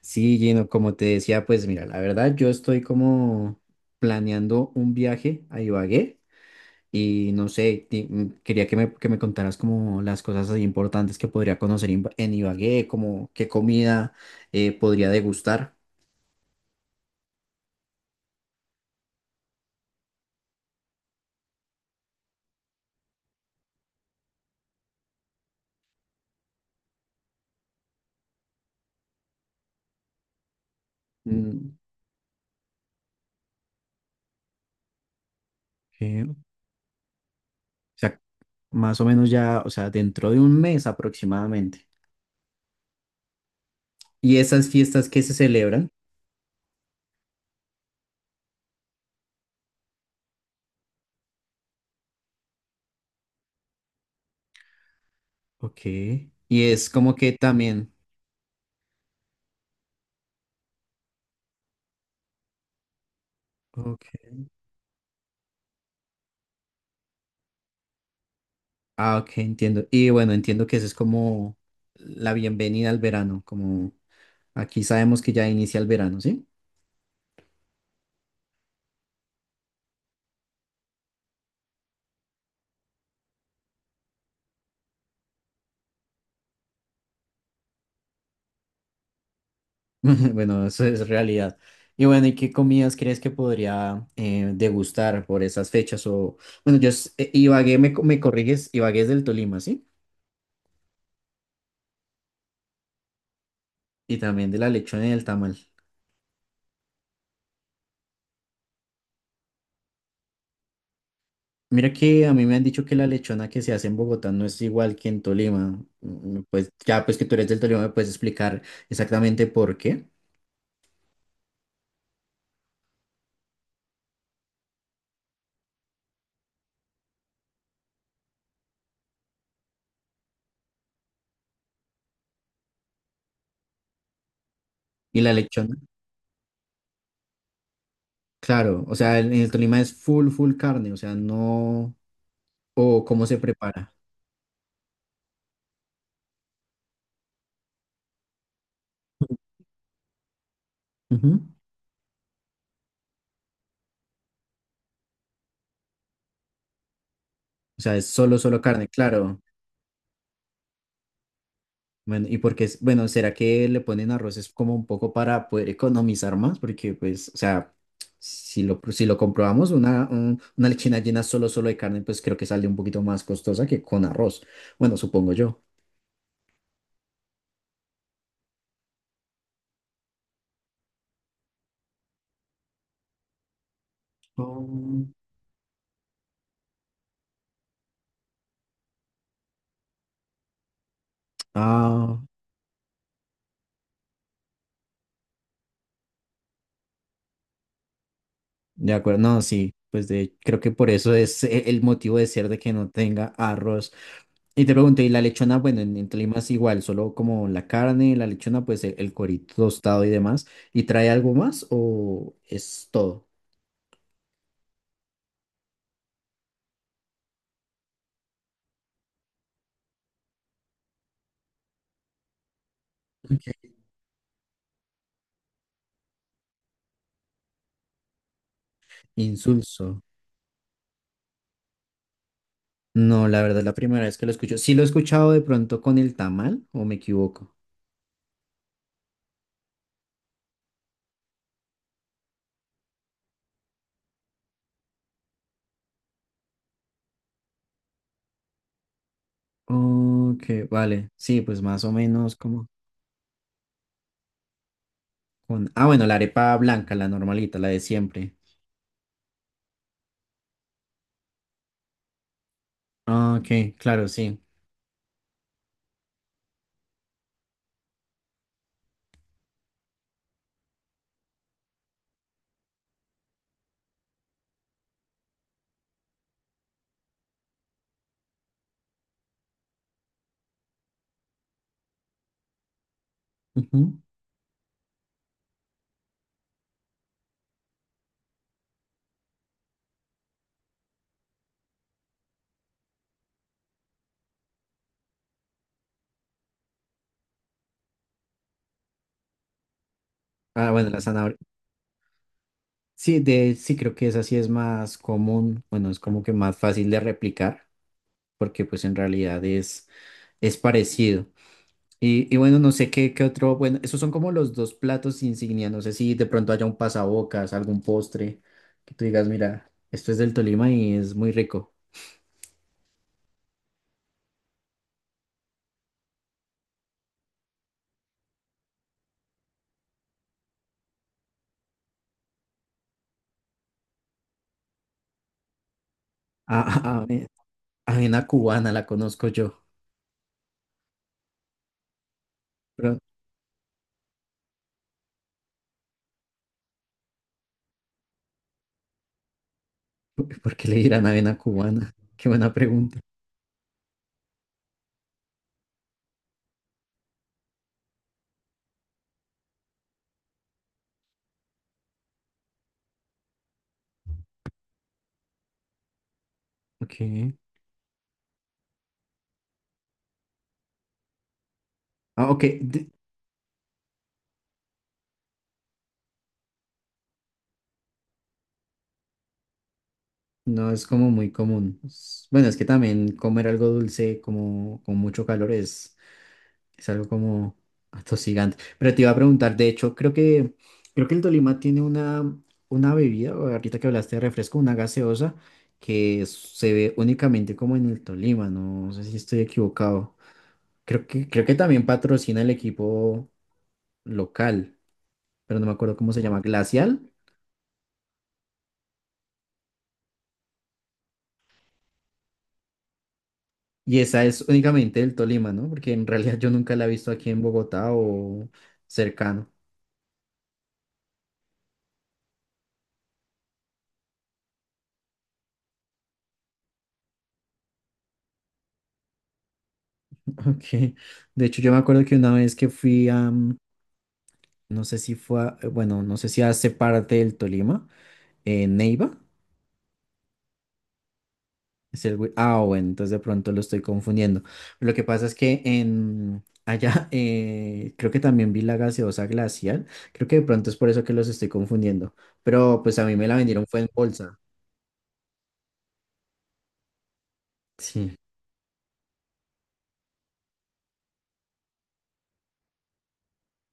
Sí, Gino, como te decía, pues mira, la verdad yo estoy como planeando un viaje a Ibagué y no sé, quería que me contaras como las cosas así importantes que podría conocer en en Ibagué, como qué comida podría degustar. Mm. O sea, más o menos ya, o sea, dentro de un mes aproximadamente. Y esas fiestas que se celebran. Ok. Y es como que también. Ok. Ah, ok, entiendo. Y bueno, entiendo que eso es como la bienvenida al verano, como aquí sabemos que ya inicia el verano, ¿sí? Bueno, eso es realidad. Y bueno, ¿y qué comidas crees que podría degustar por esas fechas? O, bueno, yo, Ibagué, me corriges, Ibagué es del Tolima, ¿sí? Y también de la lechona y del tamal. Mira que a mí me han dicho que la lechona que se hace en Bogotá no es igual que en Tolima. Mm. Pues ya, pues que tú eres del Tolima, ¿me puedes explicar exactamente por qué? ¿Y la lechona? Claro, o sea, en el Tolima es full, full carne, o sea, no, o cómo se prepara. Ujú. O sea, es solo, solo carne, claro. Bueno, y porque es, bueno, ¿será que le ponen arroz es como un poco para poder economizar más? Porque, pues, o sea, si lo comprobamos, una lechina llena solo, solo de carne, pues creo que sale un poquito más costosa que con arroz. Bueno, supongo yo. Oh, ah, de acuerdo, no, sí, pues creo que por eso es el motivo de ser de que no tenga arroz. Y te pregunto, ¿y la lechona? Bueno, en Tolima es igual, solo como la carne, la lechona, pues el cuerito tostado y demás. ¿Y trae algo más o es todo? Ok. Insulso. No, la verdad, la primera vez que lo escucho. Sí lo he escuchado de pronto con el tamal, ¿o me equivoco? Ok, vale. Sí, pues más o menos como con. Ah, bueno, la arepa blanca, la normalita, la de siempre. Ah, ok, claro, sí. Ujú. Ah, bueno, la zanahoria. Sí, sí, creo que esa sí es más común. Bueno, es como que más fácil de replicar, porque pues en realidad es parecido. Y bueno, no sé qué otro, bueno, esos son como los dos platos insignia, no sé si de pronto haya un pasabocas, algún postre, que tú digas, mira, esto es del Tolima y es muy rico. Ah, ah, avena cubana la conozco yo, pero ¿por qué le dirán avena cubana? Qué buena pregunta. Ok. Ah, ok, no es como muy común. Bueno, es que también comer algo dulce como con mucho calor es algo como atosigante. Pero te iba a preguntar, de hecho, creo que, el Tolima tiene una bebida, o ahorita que hablaste de refresco, una gaseosa, que se ve únicamente como en el Tolima, no. No sé si estoy equivocado. Creo que también patrocina el equipo local, pero no me acuerdo cómo se llama, Glacial. Y esa es únicamente del Tolima, ¿no? Porque en realidad yo nunca la he visto aquí en Bogotá o cercano. Ok. De hecho, yo me acuerdo que una vez que fui no sé si fue, bueno, no sé si hace parte del Tolima, Neiva. Es ah, bueno, entonces de pronto lo estoy confundiendo. Lo que pasa es que allá creo que también vi la gaseosa glacial. Creo que de pronto es por eso que los estoy confundiendo. Pero pues a mí me la vendieron fue en bolsa. Sí.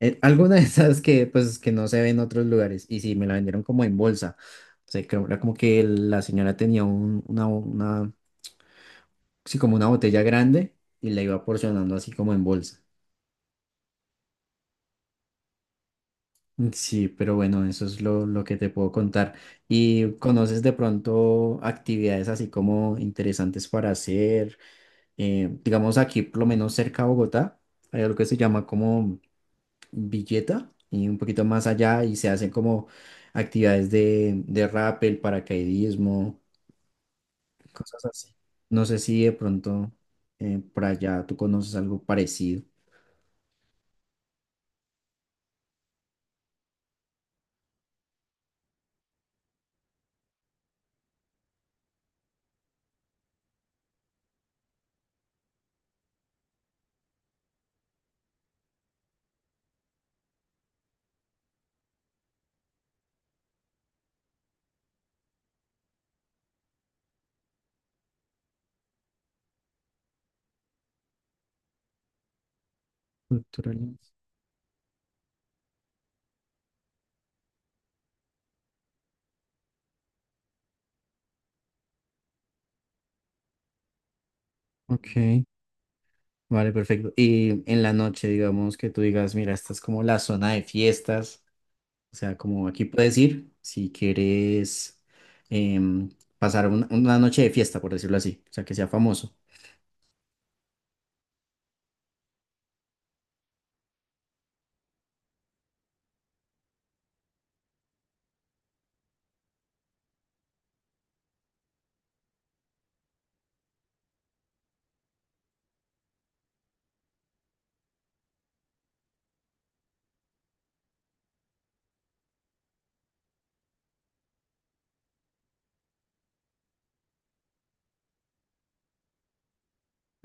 Alguna de esas que pues que no se ve en otros lugares. Y sí, me la vendieron como en bolsa. O sea, era como que la señora tenía una, sí, como una botella grande y la iba porcionando así como en bolsa. Sí, pero bueno, eso es lo que te puedo contar. ¿Y conoces de pronto actividades así como interesantes para hacer? Digamos aquí, por lo menos cerca a Bogotá, hay algo que se llama como Villeta y un poquito más allá y se hacen como actividades de rappel, paracaidismo, cosas así. No sé si de pronto por allá tú conoces algo parecido. Cultural. Ok. Vale, perfecto. Y en la noche, digamos que tú digas, mira, esta es como la zona de fiestas, o sea, como aquí puedes ir si quieres em, pasar una noche de fiesta, por decirlo así, o sea, que sea famoso.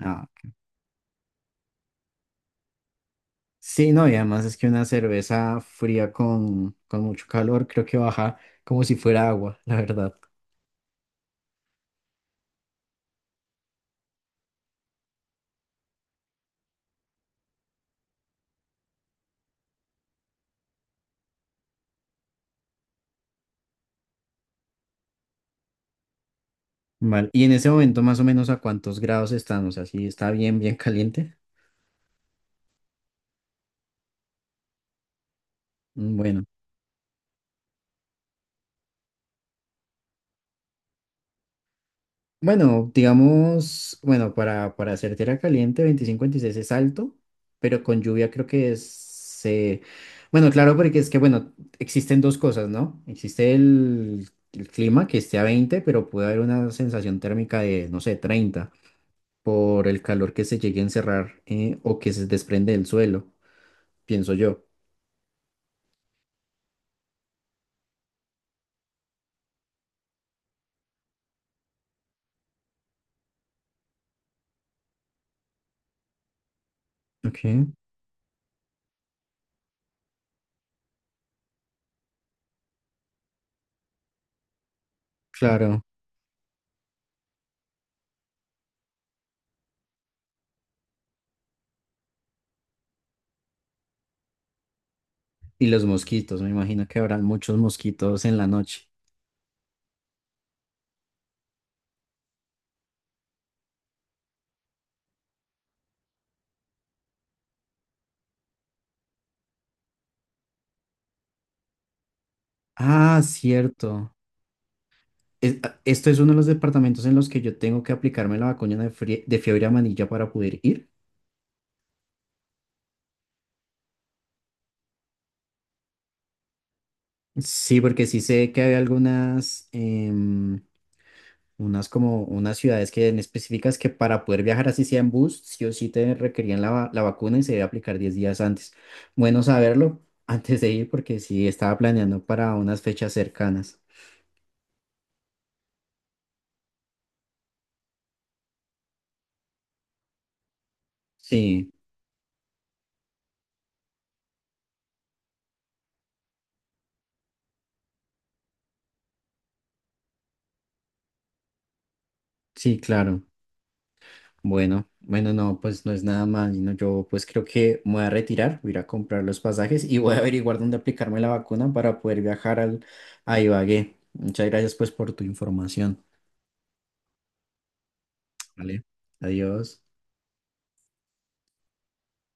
Ah, ok. Sí, no, y además es que una cerveza fría con mucho calor creo que baja como si fuera agua, la verdad. Vale, y en ese momento más o menos a cuántos grados están, o sea, si está bien, bien caliente. Mm. Bueno. Bueno, digamos, bueno, para hacer tierra caliente, 25, 26 es alto, pero con lluvia creo que es, se. Bueno, claro, porque es que, bueno, existen dos cosas, ¿no? Existe el clima que esté a 20, pero puede haber una sensación térmica de, no sé, 30 por el calor que se llegue a encerrar o que se desprende del suelo, pienso yo. Ok, claro. Y los mosquitos, me imagino que habrán muchos mosquitos en la noche. Ah, cierto. Es- a- esto es uno de los departamentos en los que yo tengo que aplicarme la vacuna de fiebre amarilla para poder ir. Sí, porque sí sé que hay algunas, unas como unas ciudades que en específicas que para poder viajar así sea en bus, sí o sí te requerían la vacuna y se debe aplicar 10 días antes. Bueno saberlo antes de ir porque sí estaba planeando para unas fechas cercanas. Sí, sí, claro. Bueno, bueno, no, pues no es nada mal, no, yo pues creo que me voy a retirar, voy a ir a comprar los pasajes y voy a averiguar dónde aplicarme la vacuna para poder viajar a Ibagué. Muchas gracias pues por tu información, ¿vale? Adiós.